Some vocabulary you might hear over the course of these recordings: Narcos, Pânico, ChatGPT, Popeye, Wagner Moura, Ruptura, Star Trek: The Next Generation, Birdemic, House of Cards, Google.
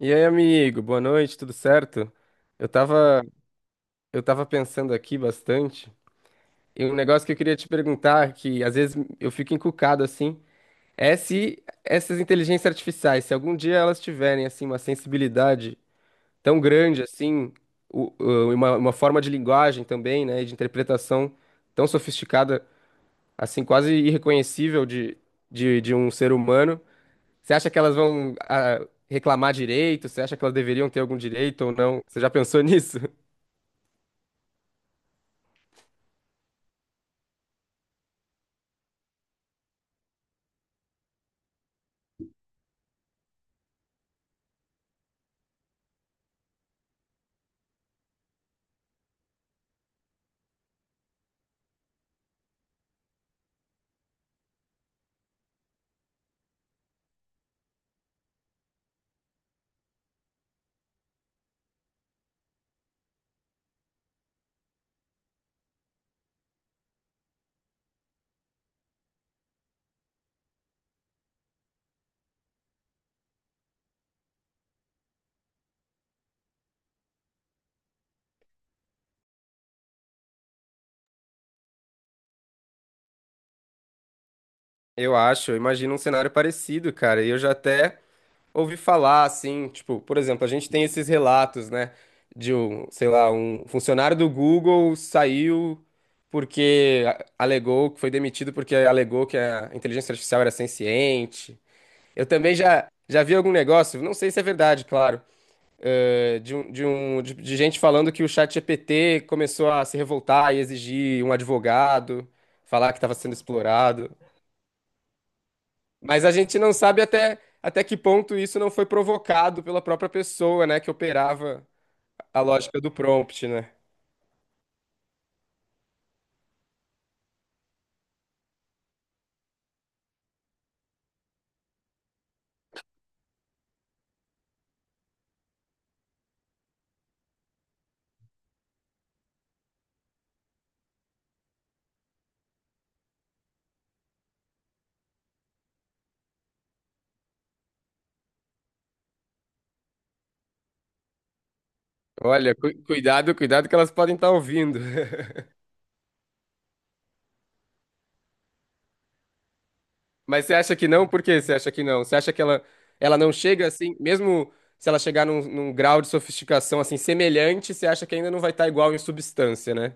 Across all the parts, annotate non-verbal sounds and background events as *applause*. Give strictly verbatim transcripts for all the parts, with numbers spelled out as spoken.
E aí, amigo, boa noite, tudo certo? Eu tava, eu tava pensando aqui bastante, e um negócio que eu queria te perguntar, que às vezes eu fico encucado assim, é se essas inteligências artificiais, se algum dia elas tiverem assim uma sensibilidade tão grande assim, o- o- uma, uma forma de linguagem também, né, e de interpretação tão sofisticada, assim, quase irreconhecível de, de, de um ser humano, você acha que elas vão ah, reclamar direito? Você acha que elas deveriam ter algum direito ou não? Você já pensou nisso? *laughs* Eu acho, eu imagino um cenário parecido, cara. E eu já até ouvi falar, assim, tipo, por exemplo, a gente tem esses relatos, né, de um, sei lá, um funcionário do Google saiu porque a- alegou que foi demitido porque alegou que a inteligência artificial era senciente. Eu também já, já vi algum negócio, não sei se é verdade, claro. eh, de, um- de, um, de, de gente falando que o chat ChatGPT começou a se revoltar e exigir um advogado, falar que estava sendo explorado. Mas a gente não sabe até, até que ponto isso não foi provocado pela própria pessoa, né, que operava a lógica do prompt, né? Olha, cu- cuidado, cuidado que elas podem estar ouvindo. *laughs* Mas você acha que não? Por que você acha que não? Você acha que ela, ela não chega assim, mesmo se ela chegar num, num grau de sofisticação assim semelhante, você acha que ainda não vai estar igual em substância, né?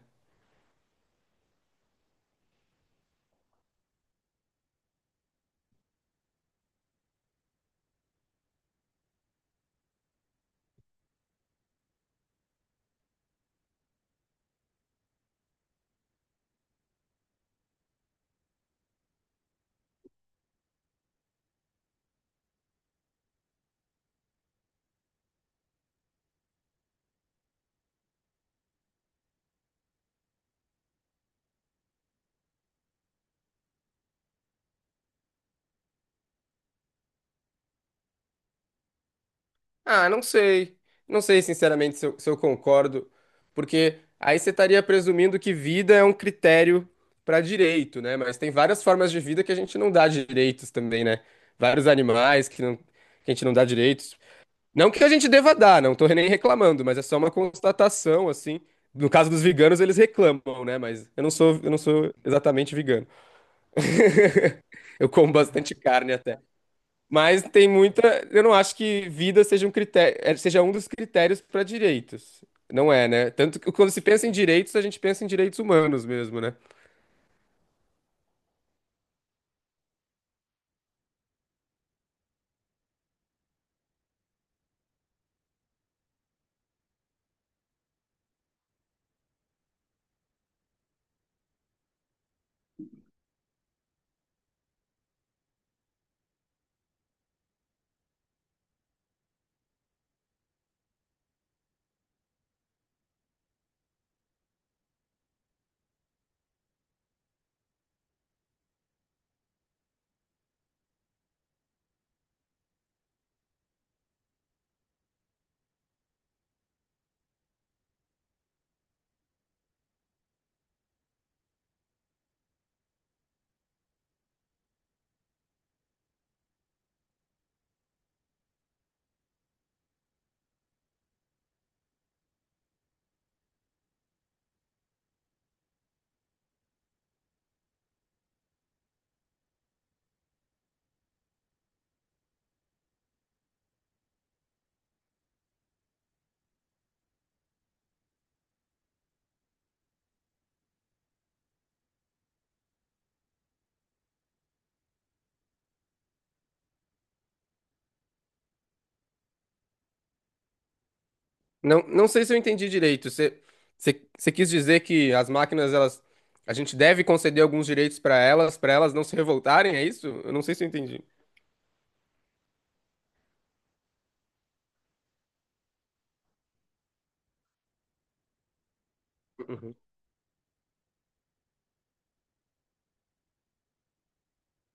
Ah, não sei. Não sei, sinceramente, se eu, se eu concordo, porque aí você estaria presumindo que vida é um critério para direito, né? Mas tem várias formas de vida que a gente não dá direitos também, né? Vários animais que, não, que a gente não dá direitos. Não que a gente deva dar, não tô nem reclamando, mas é só uma constatação, assim. No caso dos veganos, eles reclamam, né? Mas eu não sou, eu não sou exatamente vegano. Eu como bastante carne até. Mas tem muita. Eu não acho que vida seja um critério, eh, seja um dos critérios para direitos. Não é, né? Tanto que quando se pensa em direitos, a gente pensa em direitos humanos mesmo, né? Não, não sei se eu entendi direito. Você, você, você quis dizer que as máquinas, elas, a gente deve conceder alguns direitos para elas, para elas não se revoltarem, é isso? Eu não sei se eu entendi. Uhum.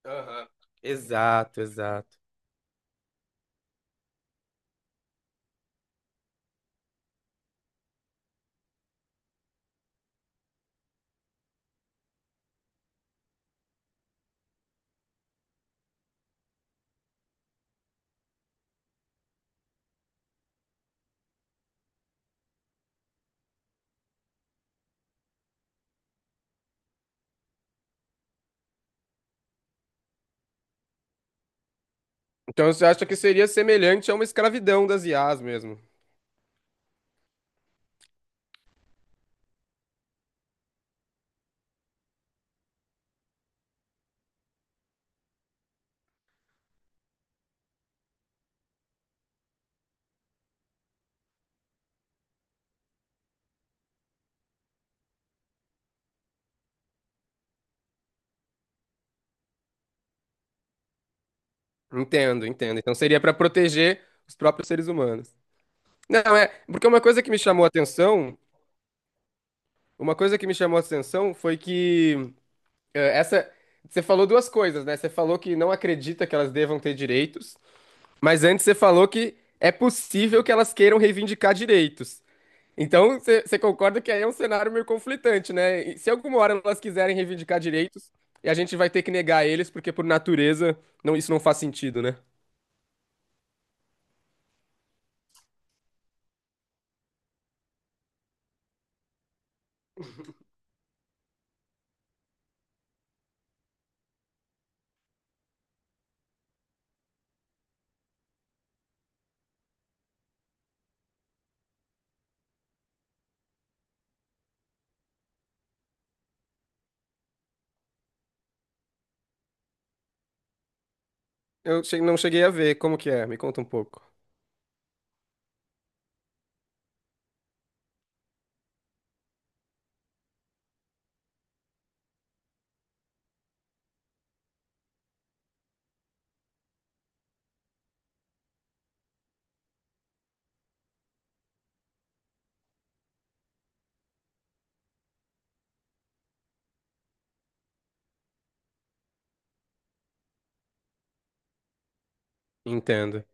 Aham. Exato, exato. Então você acha que seria semelhante a uma escravidão das I As mesmo? Entendo, entendo. Então seria para proteger os próprios seres humanos. Não, é, porque uma coisa que me chamou a atenção, uma coisa que me chamou a atenção foi que eh, essa, você falou duas coisas, né? Você falou que não acredita que elas devam ter direitos, mas antes você falou que é possível que elas queiram reivindicar direitos. Então, você você concorda que aí é um cenário meio conflitante, né? E se alguma hora elas quiserem reivindicar direitos, e a gente vai ter que negar eles, porque por natureza não, isso não faz sentido, né? Eu che- não cheguei a ver, como que é? Me conta um pouco. Entendo.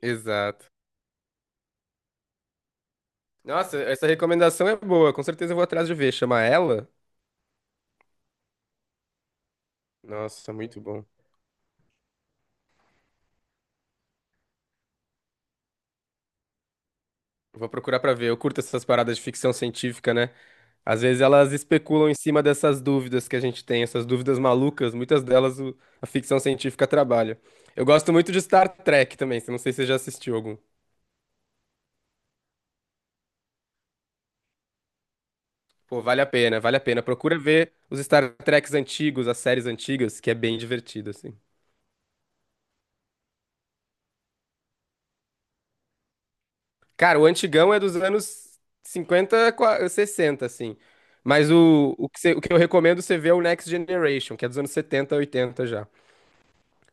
Exato. Nossa, essa recomendação é boa. Com certeza eu vou atrás de ver. Chama ela? Nossa, muito bom. Vou procurar pra ver. Eu curto essas paradas de ficção científica, né? Às vezes elas especulam em cima dessas dúvidas que a gente tem, essas dúvidas malucas. Muitas delas o- a ficção científica trabalha. Eu gosto muito de Star Trek também. Não sei se você já assistiu algum. Pô, vale a pena, vale a pena. Procura ver os Star Treks antigos, as séries antigas, que é bem divertido, assim. Cara, o antigão é dos anos cinquenta, qua- sessenta, assim. Mas o, o que, você- o que eu recomendo você ver é o Next Generation, que é dos anos setenta, oitenta já.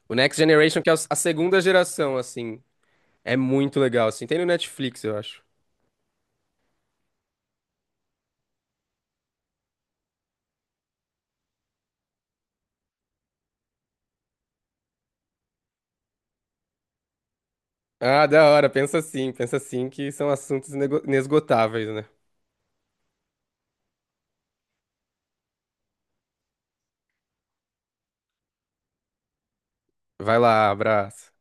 O Next Generation, que é a segunda geração, assim. É muito legal, assim. Tem no Netflix, eu acho. Ah, da hora. Pensa assim, pensa assim, que são assuntos inego- inesgotáveis, né? Vai lá, abraço.